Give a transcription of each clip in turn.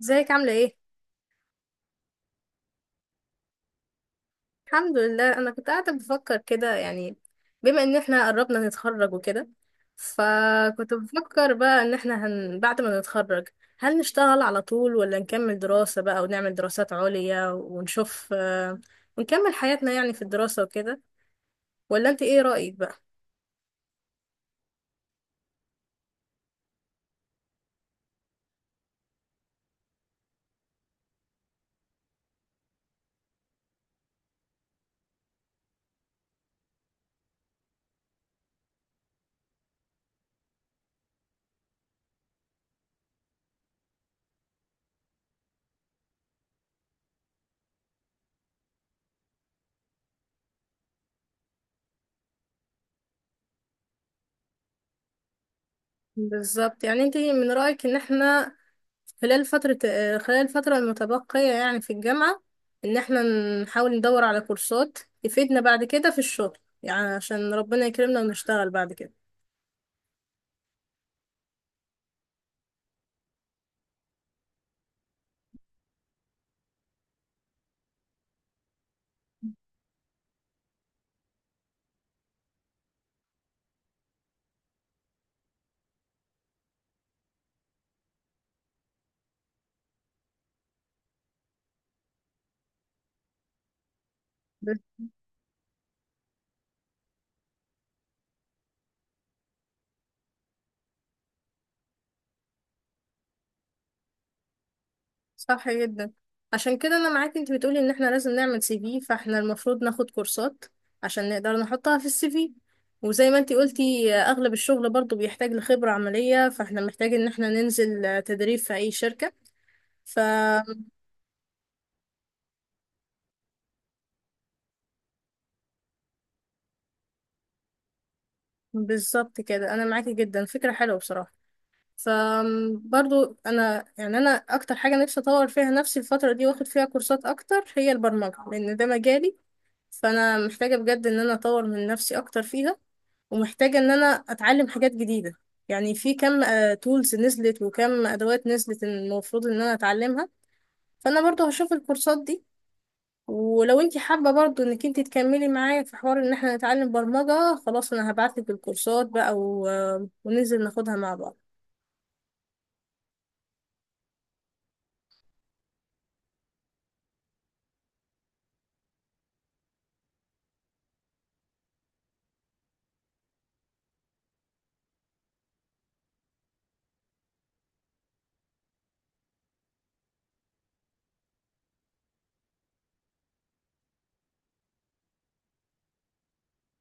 ازيك عاملة ايه؟ الحمد لله. انا كنت قاعدة بفكر كده يعني، بما ان احنا قربنا نتخرج وكده. فكنت بفكر بقى ان احنا بعد ما نتخرج، هل نشتغل على طول ولا نكمل دراسة بقى ونعمل دراسات عليا ونشوف، ونكمل حياتنا يعني في الدراسة وكده. ولا انت ايه رأيك بقى؟ بالظبط. يعني انت من رأيك ان احنا خلال فترة آه، خلال الفترة المتبقية يعني في الجامعة، إن احنا نحاول ندور على كورسات تفيدنا بعد كده في الشغل، يعني عشان ربنا يكرمنا ونشتغل بعد كده. بس. صح جدا. عشان كده أنا معاك. أنت بتقولي إن احنا لازم نعمل سي في، فاحنا المفروض ناخد كورسات عشان نقدر نحطها في السي في. وزي ما انت قلتي، أغلب الشغل برضو بيحتاج لخبرة عملية، فاحنا محتاج إن احنا ننزل تدريب في أي شركة. فبالظبط كده، أنا معاكي جدا. فكرة حلوة بصراحة. فبرضو انا اكتر حاجه نفسي اطور فيها نفسي الفتره دي، واخد فيها كورسات اكتر، هي البرمجه، لان ده مجالي. فانا محتاجه بجد ان انا اطور من نفسي اكتر فيها، ومحتاجه ان انا اتعلم حاجات جديده. يعني في كم تولز نزلت وكم ادوات نزلت المفروض ان انا اتعلمها. فانا برضو هشوف الكورسات دي. ولو انت حابه برضو انك انت تكملي معايا في حوار ان احنا نتعلم برمجه، خلاص انا هبعتلك الكورسات بقى و... آه، وننزل ناخدها مع بعض.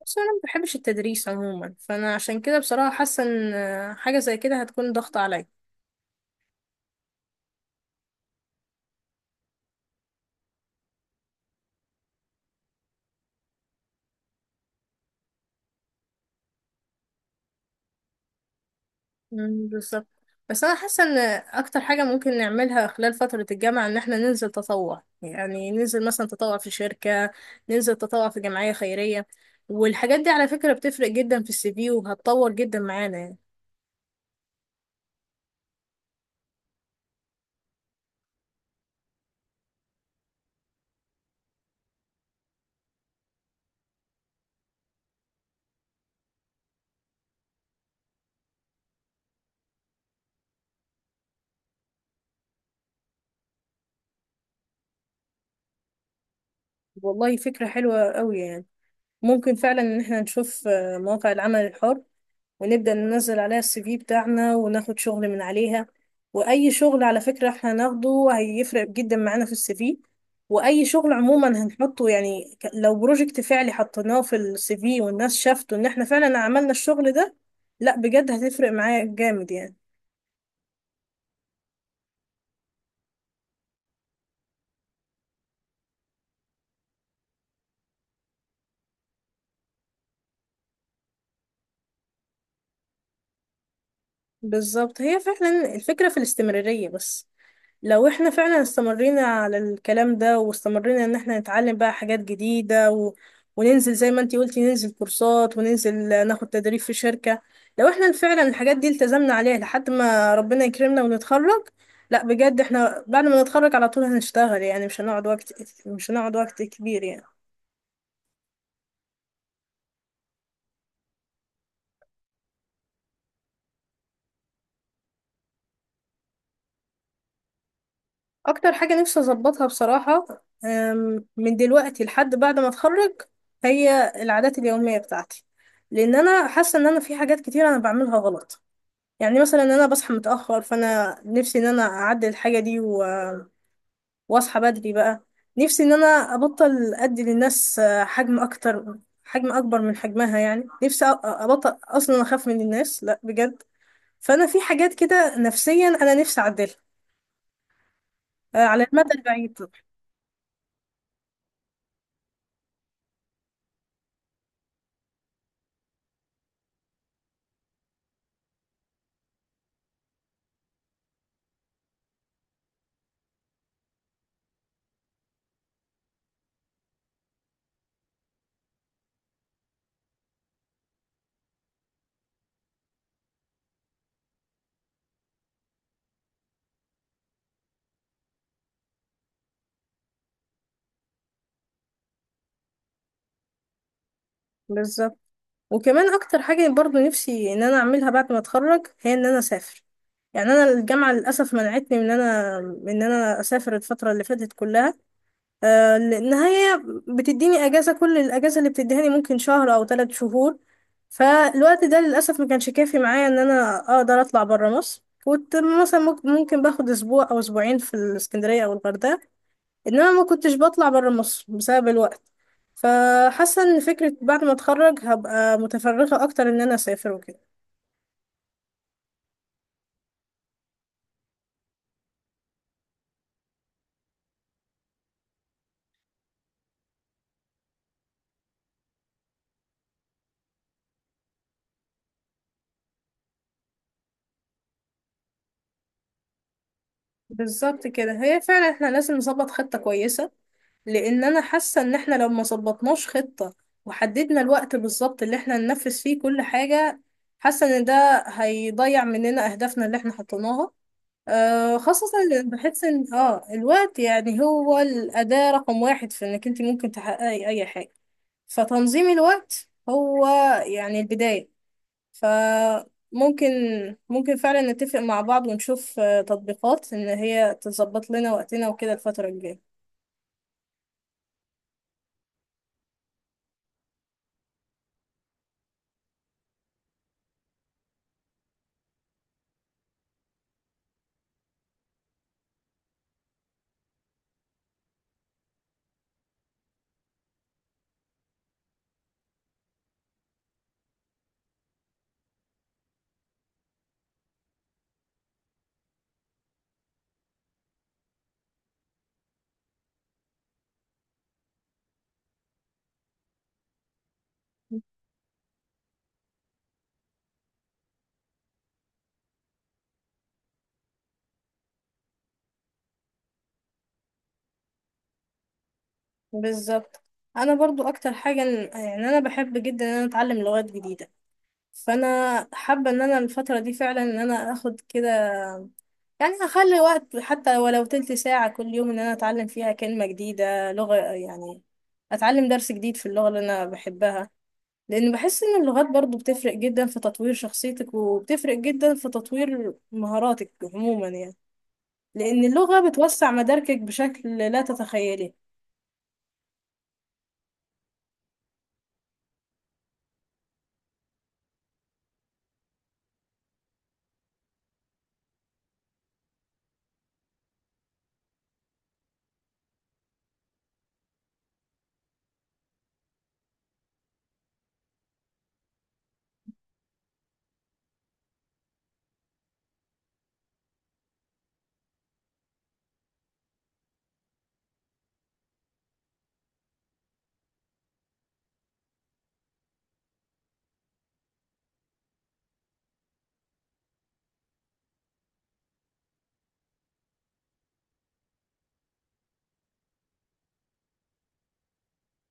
بس انا ما بحبش التدريس عموما، فانا عشان كده بصراحه حاسه ان حاجه زي كده هتكون ضغط عليا. مم، بالظبط. بس انا حاسه ان اكتر حاجه ممكن نعملها خلال فتره الجامعه ان احنا ننزل تطوع، يعني ننزل مثلا تطوع في شركه، ننزل تطوع في جمعيه خيريه. والحاجات دي على فكره بتفرق جدا في السي في، وهتطور جدا معانا يعني. والله فكره حلوه قوي يعني. ممكن فعلا ان احنا نشوف، مواقع العمل الحر، ونبدأ ننزل عليها السي في بتاعنا وناخد شغل من عليها. وأي شغل على فكرة احنا هناخده هيفرق جدا معانا في السي في. وأي شغل عموما هنحطه، يعني لو بروجكت فعلي حطيناه في السي في والناس شافته، إن احنا فعلا عملنا الشغل ده، لا بجد هتفرق معايا جامد يعني. بالظبط. هي فعلا الفكرة في الاستمرارية. بس لو احنا فعلا استمرينا على الكلام ده، واستمرينا ان احنا نتعلم بقى حاجات جديدة، وننزل زي ما انتي قلتي، ننزل كورسات، وننزل ناخد تدريب في شركة. لو احنا فعلا الحاجات دي التزمنا عليها لحد ما ربنا يكرمنا ونتخرج، لا بجد احنا بعد ما نتخرج على طول هنشتغل، يعني مش هنقعد وقت كبير يعني. اكتر حاجة نفسي اظبطها بصراحة، من دلوقتي لحد بعد ما اتخرج، هي العادات اليومية بتاعتي. لان انا حاسة ان انا في حاجات كتير انا بعملها غلط. يعني مثلا انا بصحى متاخر، فانا نفسي ان انا اعدل الحاجه دي واصحى بدري بقى. نفسي ان انا ابطل ادي للناس، حجم اكبر من حجمها. يعني نفسي ابطل اصلا اخاف من الناس، لا بجد. فانا في حاجات كده نفسيا انا نفسي اعدلها، على المدى البعيد. بالظبط. وكمان اكتر حاجه برضو نفسي ان انا اعملها بعد ما اتخرج، هي ان انا اسافر. يعني انا الجامعه للاسف منعتني من ان انا اسافر الفتره اللي فاتت كلها، لان هي بتديني كل الاجازه اللي بتديهاني ممكن شهر او 3 شهور. فالوقت ده للاسف ما كانش كافي معايا ان انا اقدر اطلع بره مصر. كنت مثلا ممكن باخد اسبوع او اسبوعين في الاسكندريه او الغردقه، انما ما كنتش بطلع بره مصر بسبب الوقت. فحاسه ان فكره بعد ما اتخرج هبقى متفرغه اكتر ان انا اسافر وكده. بالظبط كده. هي فعلا احنا لازم نظبط خطه كويسه، لان انا حاسه ان احنا لو ما ظبطناش خطه، وحددنا الوقت بالظبط اللي احنا ننفذ فيه كل حاجه، حاسه ان ده هيضيع مننا اهدافنا اللي احنا حطيناها، خاصه. إن بحس ان الوقت يعني هو الاداه رقم واحد في انك انت ممكن تحققي اي حاجه. فتنظيم الوقت هو يعني البدايه. فممكن فعلا نتفق مع بعض ونشوف، تطبيقات ان هي تظبط لنا وقتنا وكده الفتره الجايه. بالظبط. انا برضو اكتر حاجه يعني انا بحب جدا ان انا اتعلم لغات جديده، فانا حابه ان انا الفتره دي فعلا ان انا اخد كده، يعني اخلي وقت حتى ولو تلت ساعه كل يوم ان انا اتعلم فيها كلمه جديده لغه، يعني اتعلم درس جديد في اللغه اللي انا بحبها، لان بحس ان اللغات برضو بتفرق جدا في تطوير شخصيتك، وبتفرق جدا في تطوير مهاراتك عموما يعني، لان اللغه بتوسع مداركك بشكل لا تتخيليه.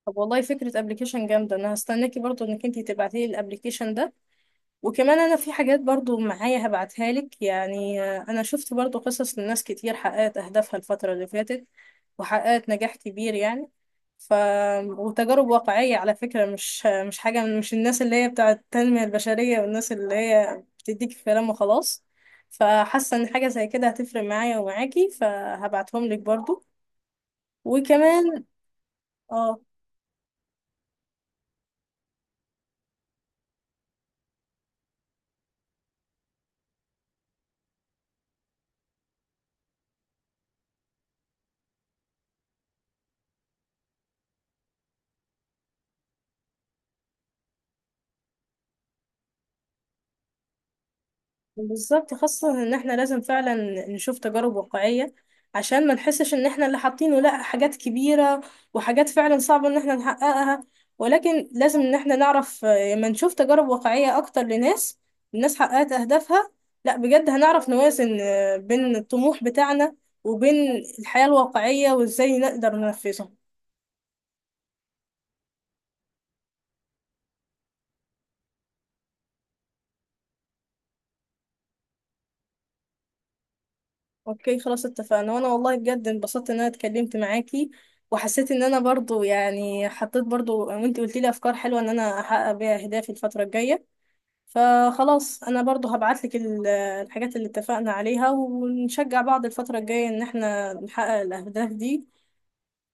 طب والله فكرة ابلكيشن جامدة. انا هستناكي برضو انك انتي تبعتيلي الابلكيشن ده. وكمان انا في حاجات برضو معايا هبعتها لك، يعني، انا شفت برضو قصص لناس كتير حققت اهدافها الفترة اللي فاتت، وحققت نجاح كبير يعني، ف وتجارب واقعية على فكرة، مش حاجة، مش الناس اللي هي بتاعة التنمية البشرية والناس اللي هي بتديك كلام وخلاص. فحاسة ان حاجة زي كده هتفرق معايا ومعاكي، فهبعتهم لك برضو. وكمان. اه. بالظبط. خاصة ان احنا لازم فعلا نشوف تجارب واقعية عشان ما نحسش ان احنا اللي حاطينه لا حاجات كبيرة، وحاجات فعلا صعبة ان احنا نحققها. ولكن لازم ان احنا نعرف، لما نشوف تجارب واقعية اكتر الناس حققت اهدافها، لا بجد هنعرف نوازن، بين الطموح بتاعنا وبين الحياة الواقعية، وازاي نقدر ننفذها. اوكي خلاص اتفقنا. وانا والله بجد انبسطت ان انا اتكلمت معاكي، وحسيت ان انا برضو يعني حطيت برضو وانت قلت لي افكار حلوه ان انا احقق بيها اهدافي الفتره الجايه. فخلاص انا برضو هبعت لك الحاجات اللي اتفقنا عليها، ونشجع بعض الفتره الجايه ان احنا نحقق الاهداف دي.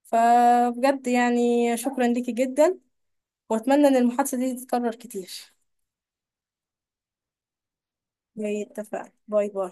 فبجد يعني شكرا ليكي جدا، واتمنى ان المحادثه دي تتكرر كتير. اتفقنا. باي باي.